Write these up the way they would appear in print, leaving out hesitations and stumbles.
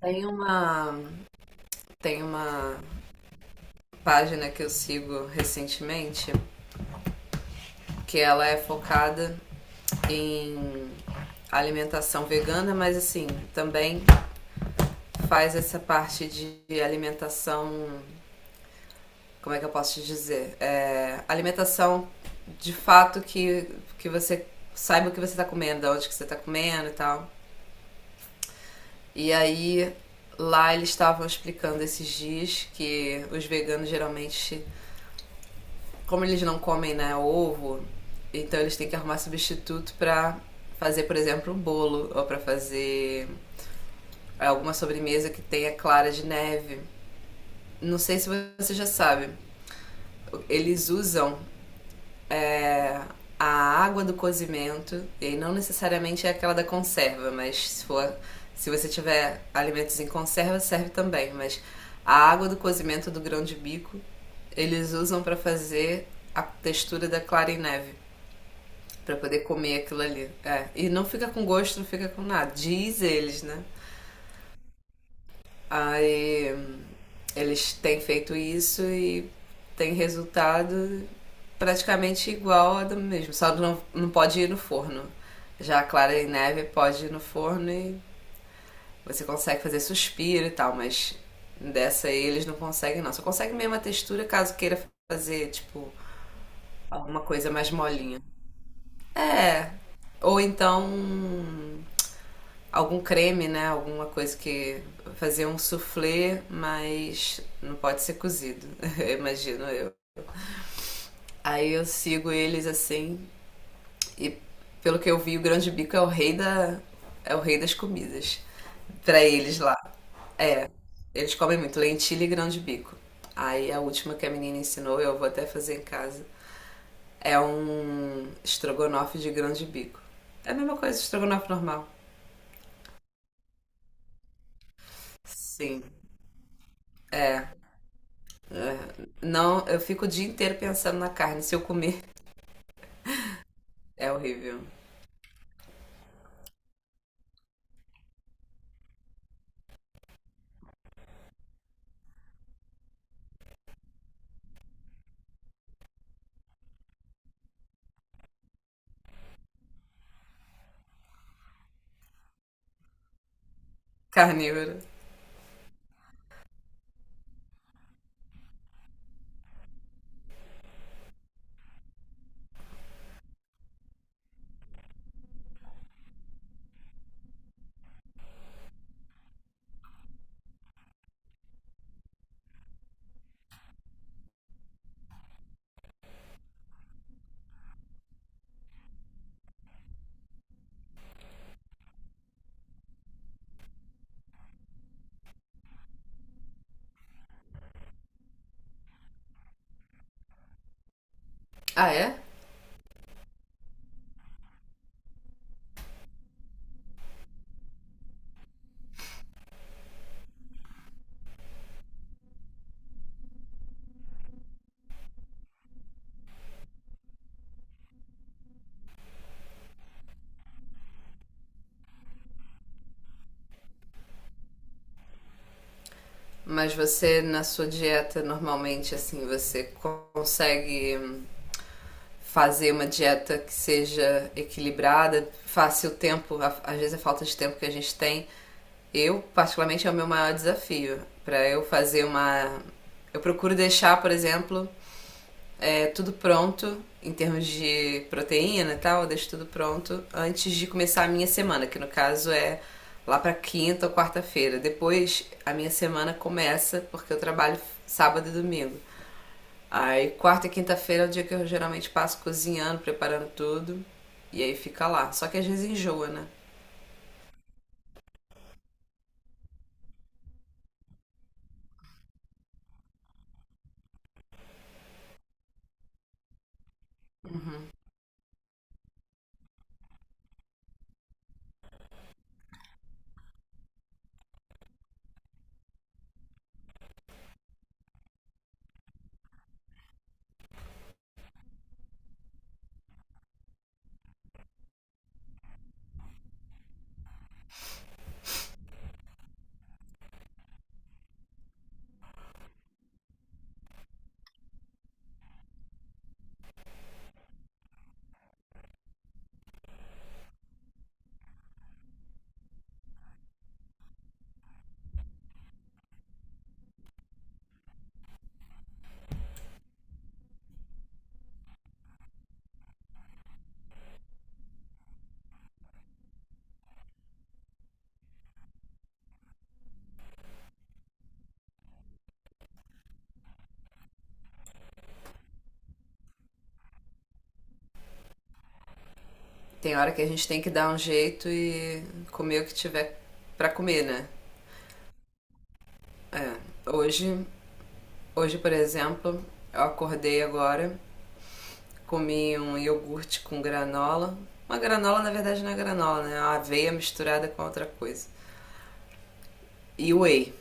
Tem uma, tem uma página que eu sigo recentemente que ela é focada em alimentação vegana, mas assim, também faz essa parte de alimentação. Como é que eu posso te dizer? Alimentação de fato que você saiba o que você está comendo, de onde que você está comendo e tal. E aí lá eles estavam explicando esses dias que os veganos geralmente, como eles não comem, né, ovo, então eles têm que arrumar substituto pra fazer, por exemplo, um bolo ou pra fazer alguma sobremesa que tenha clara de neve. Não sei se você já sabe, eles usam é, a água do cozimento, e não necessariamente é aquela da conserva, mas se você tiver alimentos em conserva, serve também, mas a água do cozimento do grão de bico eles usam para fazer a textura da clara em neve. Pra poder comer aquilo ali. É. E não fica com gosto, não fica com nada. Diz eles, né? Aí eles têm feito isso e tem resultado praticamente igual a do mesmo. Só não pode ir no forno. Já a clara e neve pode ir no forno e você consegue fazer suspiro e tal, mas dessa aí eles não conseguem não. Só consegue mesmo a textura caso queira fazer, tipo, alguma coisa mais molinha. É. Ou então algum creme, né? Alguma coisa que. Fazer um soufflé, mas não pode ser cozido, imagino eu. Aí eu sigo eles assim, e pelo que eu vi, o grão de bico é o rei da. É o rei das comidas. Pra eles lá. É. Eles comem muito lentilha e grão de bico. Aí a última que a menina ensinou, eu vou até fazer em casa, é um estrogonofe de grão de bico. É a mesma coisa, estrogonofe normal. Sim, é. Não, eu fico o dia inteiro pensando na carne. Se eu comer, é horrível. Carnívoro. Ah, é? Mas você, na sua dieta, normalmente, assim, você consegue fazer uma dieta que seja equilibrada, faça o tempo, às vezes a falta de tempo que a gente tem. Eu, particularmente, é o meu maior desafio. Pra eu fazer uma. Eu procuro deixar, por exemplo, tudo pronto em termos de proteína e tal, eu deixo tudo pronto antes de começar a minha semana, que no caso é lá para quinta ou quarta-feira. Depois a minha semana começa porque eu trabalho sábado e domingo. Aí quarta e quinta-feira é o dia que eu geralmente passo cozinhando, preparando tudo e aí fica lá. Só que às vezes enjoa, né? Tem hora que a gente tem que dar um jeito e comer o que tiver para comer, né? É. Hoje, hoje por exemplo, eu acordei agora. Comi um iogurte com granola. Uma granola, na verdade, não é granola, né? É uma aveia misturada com outra coisa. E whey.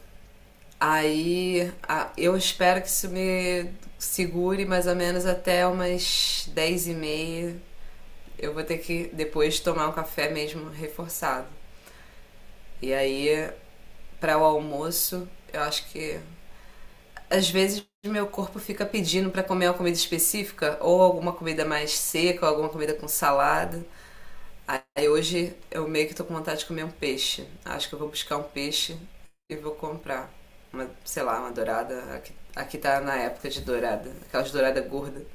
Aí eu espero que isso me segure mais ou menos até umas 10:30. Eu vou ter que depois tomar um café mesmo reforçado. E aí, para o almoço, eu acho que às vezes meu corpo fica pedindo para comer uma comida específica, ou alguma comida mais seca, ou alguma comida com salada. Aí hoje eu meio que tô com vontade de comer um peixe. Acho que eu vou buscar um peixe e vou comprar. Uma, sei lá, uma dourada. Aqui tá na época de dourada. Aquelas douradas gordas.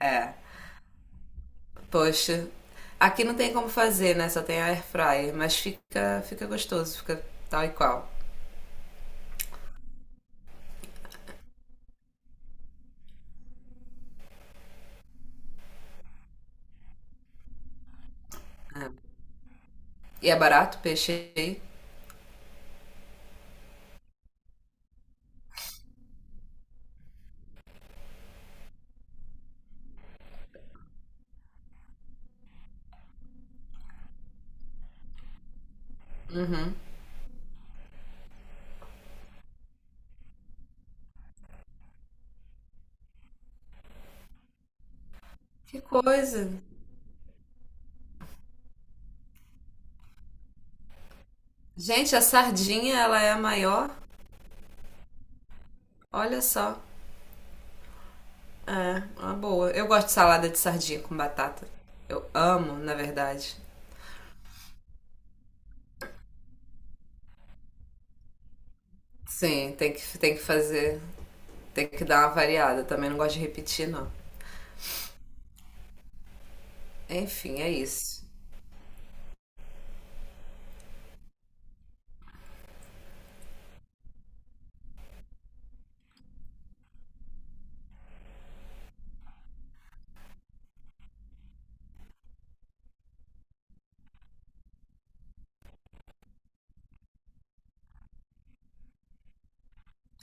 É. Poxa. Aqui não tem como fazer, né? Só tem a air fryer. Mas fica gostoso. Fica tal e qual. E é barato o peixe aí? Uhum. Que coisa. Gente, a sardinha, ela é a maior. Olha só. É, uma boa. Eu gosto de salada de sardinha com batata. Eu amo, na verdade. Sim, tem que fazer. Tem que dar uma variada. Também não gosto de repetir, não. Enfim, é isso.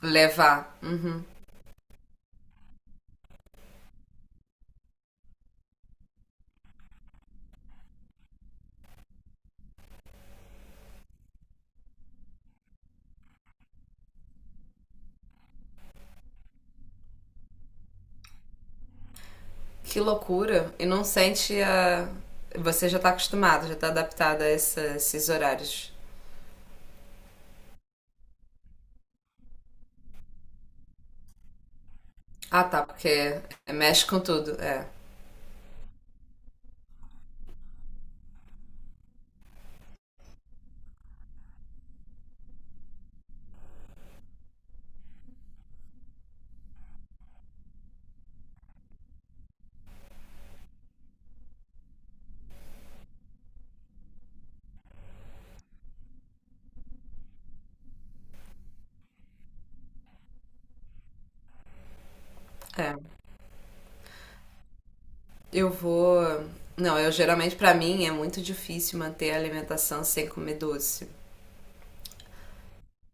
Levar. Uhum. Que loucura. E não sente a. Você já tá acostumado, já tá adaptado a esses horários. Ah, tá, porque mexe com tudo. É. É. Eu vou. Não, eu geralmente, pra mim, é muito difícil manter a alimentação sem comer doce.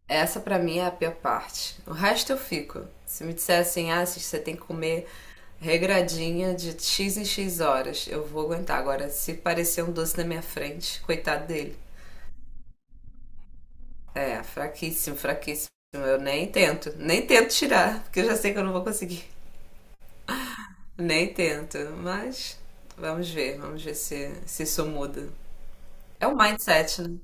Essa pra mim é a pior parte. O resto eu fico. Se me disser assim, ah, Cis, você tem que comer regradinha de X em X horas. Eu vou aguentar. Agora, se parecer um doce na minha frente, coitado dele. É, fraquíssimo, fraquíssimo. Eu nem tento tirar, porque eu já sei que eu não vou conseguir. Nem tento, mas vamos ver se isso muda. É um mindset, né?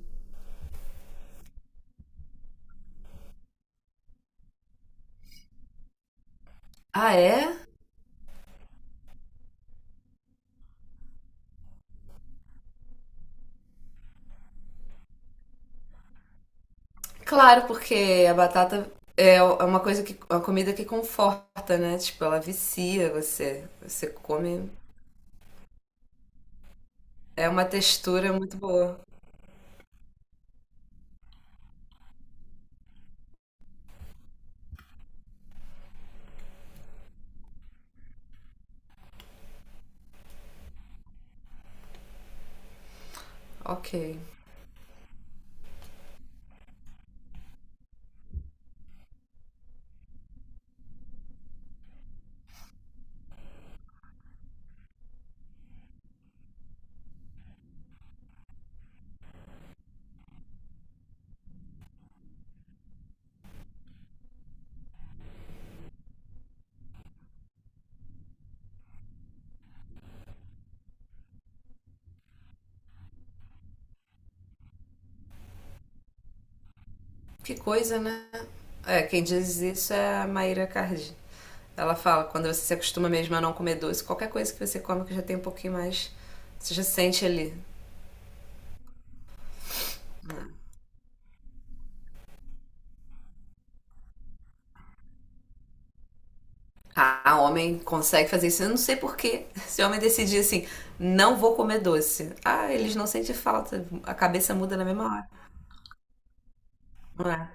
Ah, é? Claro, porque a batata é uma coisa que, uma comida que conforta, né? Tipo, ela vicia você. Você come. É uma textura muito boa. Ok. Que coisa, né? É, quem diz isso é a Maíra Cardi. Ela fala, quando você se acostuma mesmo a não comer doce, qualquer coisa que você come que já tem um pouquinho mais, você já sente ali. Ah, homem consegue fazer isso. Eu não sei porquê. Se o homem decidir assim, não vou comer doce. Ah, eles não sentem falta. A cabeça muda na mesma hora. Não é?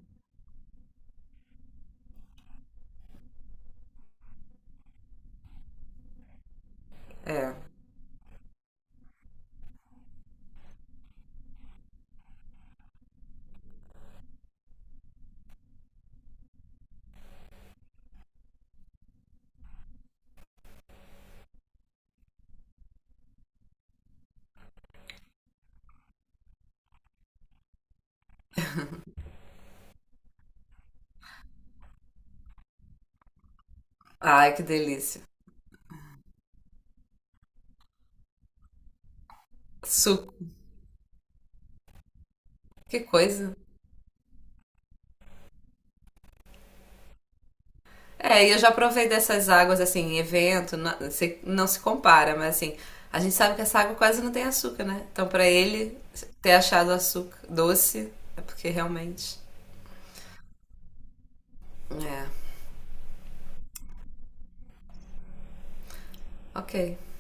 Ai, que delícia. Suco. Que coisa. É, e eu já provei dessas águas, assim, em evento, não se compara, mas assim, a gente sabe que essa água quase não tem açúcar, né? Então, pra ele ter achado açúcar doce, é porque realmente. É, ok.